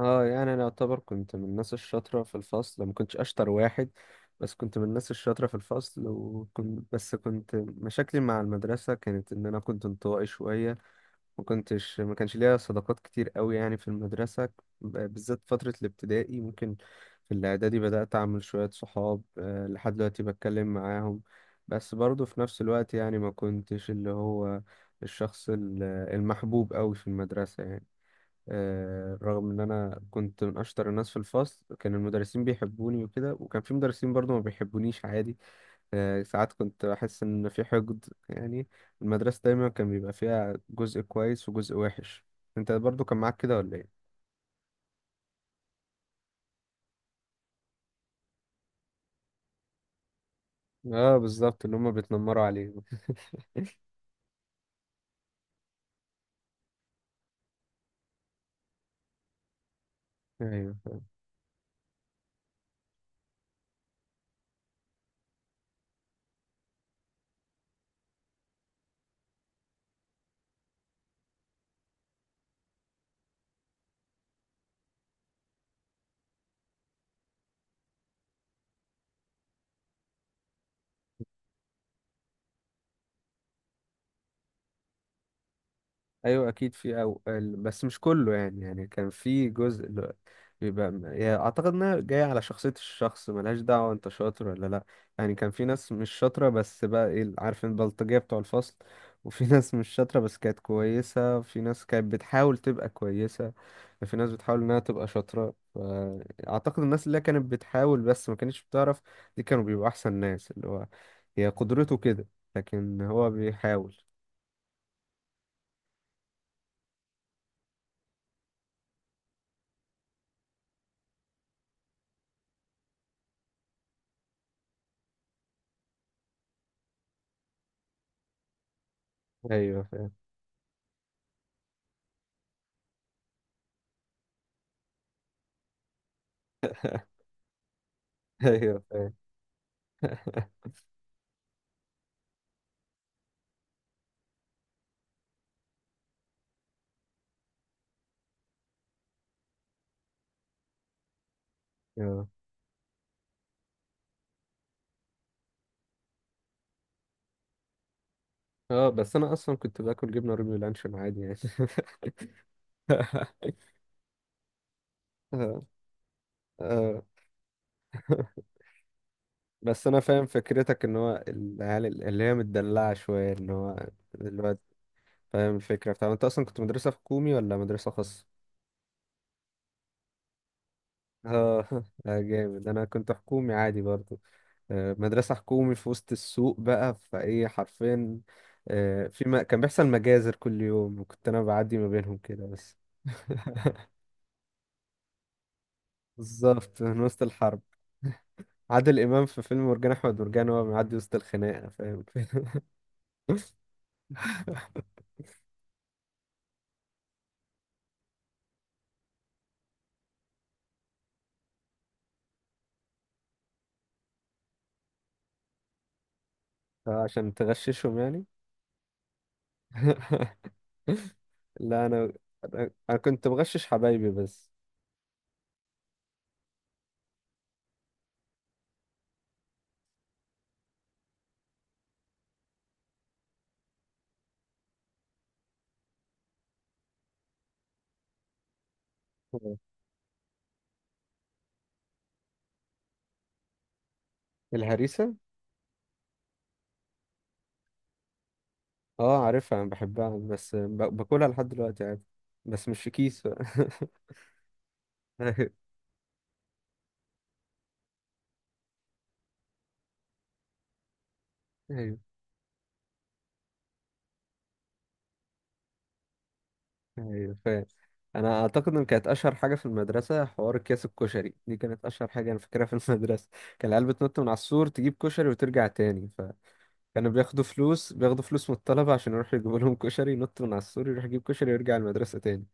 اه، يعني انا اعتبر كنت من الناس الشاطره في الفصل. ما كنتش اشطر واحد، بس كنت من الناس الشاطره في الفصل. وكنت بس كنت مشاكلي مع المدرسه كانت ان انا كنت انطوائي شويه. ما كانش ليا صداقات كتير قوي يعني في المدرسه، بالذات فتره الابتدائي ممكن. في الاعدادي بدات اعمل شويه صحاب، آه، لحد دلوقتي بتكلم معاهم. بس برضه في نفس الوقت يعني ما كنتش اللي هو الشخص المحبوب قوي في المدرسه يعني. آه، رغم ان انا كنت من اشطر الناس في الفصل، كان المدرسين بيحبوني وكده، وكان في مدرسين برضو ما بيحبونيش عادي. آه، ساعات كنت بحس ان في حقد يعني. المدرسة دايما كان بيبقى فيها جزء كويس وجزء وحش. انت برضو كان معاك كده ولا ايه؟ اه، بالظبط، اللي هما بيتنمروا عليه. ايوه، ايوه، اكيد في، بس مش كله يعني كان في يعني اعتقد انها جايه على شخصيه الشخص، ملهاش دعوه انت شاطر ولا لا. يعني كان في ناس مش شاطره، بس بقى ايه عارف، البلطجيه بتوع الفصل، وفي ناس مش شاطره بس كانت كويسه، وفي ناس كانت بتحاول تبقى كويسه، وفي ناس بتحاول انها تبقى شاطره. فاعتقد الناس اللي هي كانت بتحاول بس ما كانتش بتعرف، دي كانوا بيبقوا احسن ناس. اللي هو هي قدرته كده، لكن هو بيحاول. ايوه فاهم. ايوه فاهم. اه. اه، بس انا اصلا كنت باكل جبنه رومي لانشون عادي يعني. آه. آه. بس انا فاهم فكرتك، ان هو العيال اللي هي متدلعه شويه، ان هو الواد. فاهم الفكره بتاع. انت اصلا كنت مدرسه حكومي ولا مدرسه خاصه؟ اه. آه، جامد. انا كنت حكومي عادي برضو. آه، مدرسه حكومي في وسط السوق بقى، فايه حرفيا. آه، في ما كان بيحصل مجازر كل يوم، وكنت انا بعدي ما بينهم كده بس. بالظبط، من وسط الحرب. عادل امام في فيلم مرجان احمد مرجان، وهو بيعدي وسط الخناقه، فاهم. عشان تغششهم يعني. لا، انا كنت بغشش حبايبي بس. الهريسه. اه، عارفها، انا بحبها، بس باكلها لحد دلوقتي عادي. بس مش في كيس بقى. ايوه. ايوه. ايوه فاهم. انا اعتقد ان كانت اشهر حاجه في المدرسه حوار اكياس الكشري، دي كانت اشهر حاجه انا فاكرها في المدرسه. كان العيال بتنط من على السور تجيب كشري وترجع تاني. كانوا بياخدوا فلوس من الطلبة عشان يروحوا يجيبوا لهم كشري، ينط من على السور يروح يجيب كشري ويرجع المدرسة تاني.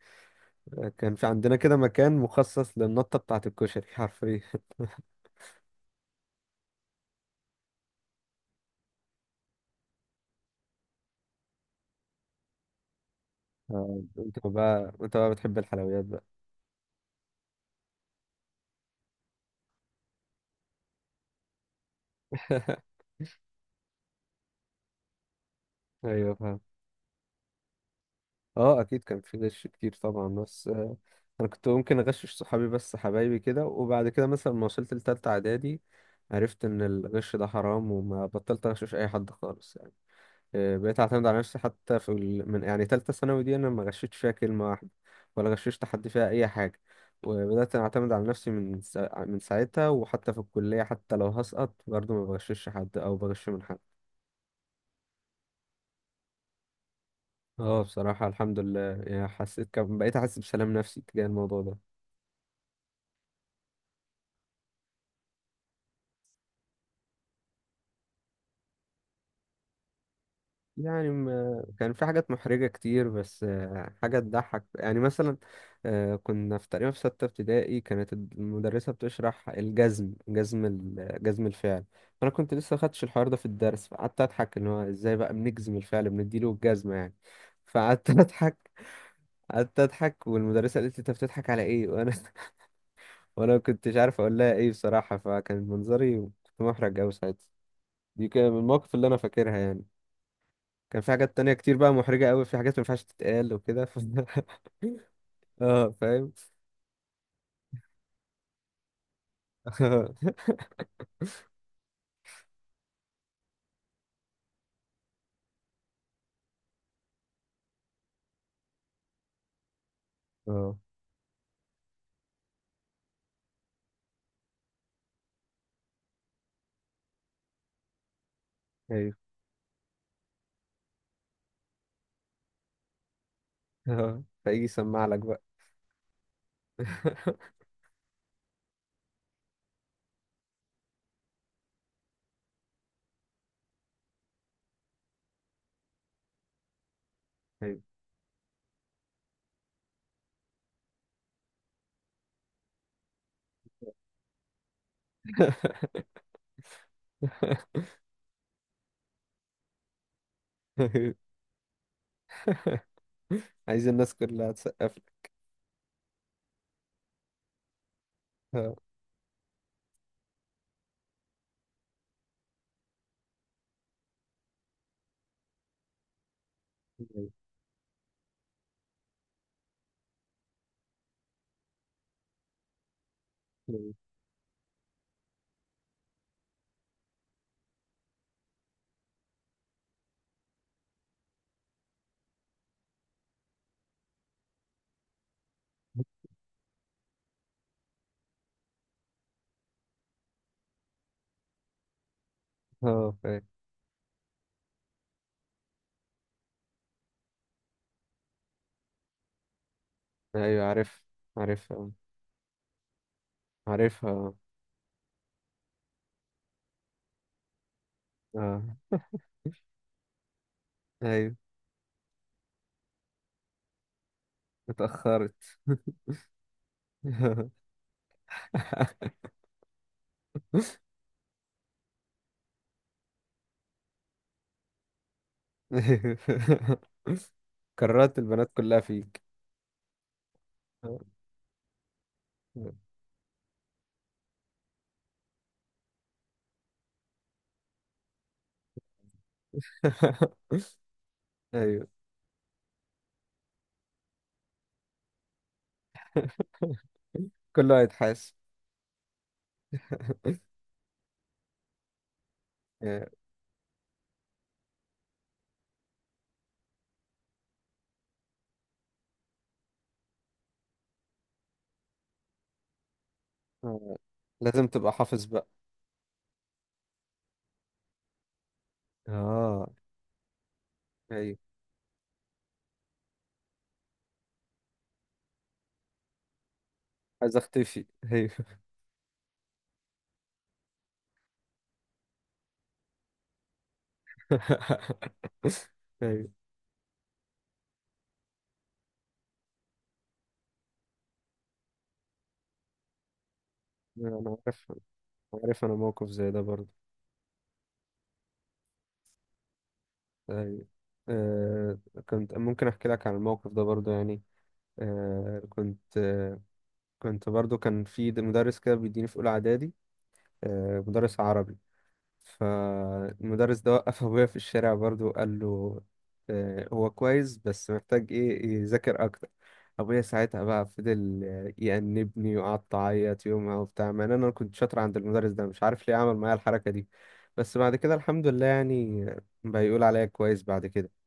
كان في عندنا كده مكان مخصص للنطة بتاعة الكشري حرفيا. آه، انت بقى انت بقى بتحب الحلويات بقى. ايوه فاهم. اه، اكيد كان في غش كتير طبعا، بس آه، انا كنت ممكن اغشش صحابي، بس حبايبي كده. وبعد كده مثلا ما وصلت لتالتة اعدادي، عرفت ان الغش ده حرام وما بطلت اغشش اي حد خالص. آه، بقيت اعتمد على نفسي حتى في من يعني تالتة ثانوي دي، انا ما غشيتش فيها كلمة واحدة ولا غششت حد فيها اي حاجة. وبدأت اعتمد على نفسي من من ساعتها، وحتى في الكلية حتى لو هسقط برضه ما بغشش حد او بغش من حد. اه، بصراحة الحمد لله. يعني حسيت كم بقيت احس بسلام نفسي تجاه الموضوع ده. يعني ما كان في حاجات محرجة كتير، بس آه، حاجة تضحك يعني مثلا. آه، كنا في تقريبا في ستة ابتدائي، كانت المدرسة بتشرح الجزم جزم الفعل. أنا كنت لسه خدتش الحوار ده في الدرس، فقعدت أضحك إن هو إزاي بقى بنجزم الفعل، بنديله الجزمة يعني. فقعدت أضحك. قعدت أضحك والمدرسة قالت لي أنت بتضحك على إيه، وأنا وأنا ما كنتش عارف أقول لها إيه بصراحة. فكان منظري كنت محرج أوي ساعتها. دي كان من المواقف اللي أنا فاكرها يعني. كان في حاجات تانية كتير بقى محرجة قوي، في حاجات ما ينفعش تتقال وكده اه فاهم. اه. ايوه. اه، فيجي يسمع لك بقى. ايوه. أيوه. عايز الناس كلها تسقف لك. اه. أيوه. اه فاهم. ايوه عارف. عارفها، عارفها، اه. آه. ايوه. اتأخرت. ايوه. كررت البنات كلها فيك. اه. ايوه. كله هيتحاسب. آه، آه. لازم تبقى حافظ بقى. اه. ايوه، عايز اختفي. ايوه. ايوه. انا عارف. أنا عارف انا موقف زي ده برضه. ايوه. آه. كنت ممكن احكي لك عن الموقف ده برضه يعني. آه كنت برضه كان في مدرس كده بيديني في اولى اعدادي، آه مدرس عربي. فالمدرس ده وقف أبويا في الشارع برضه وقال له آه، هو كويس بس محتاج إيه يذاكر أكتر. أبويا ساعتها بقى فضل آه، يأنبني، وقعدت أعيط يومها وبتاع، مع إن أنا كنت شاطر عند المدرس ده، مش عارف ليه عمل معايا الحركة دي. بس بعد كده الحمد لله يعني، بيقول عليا كويس بعد كده.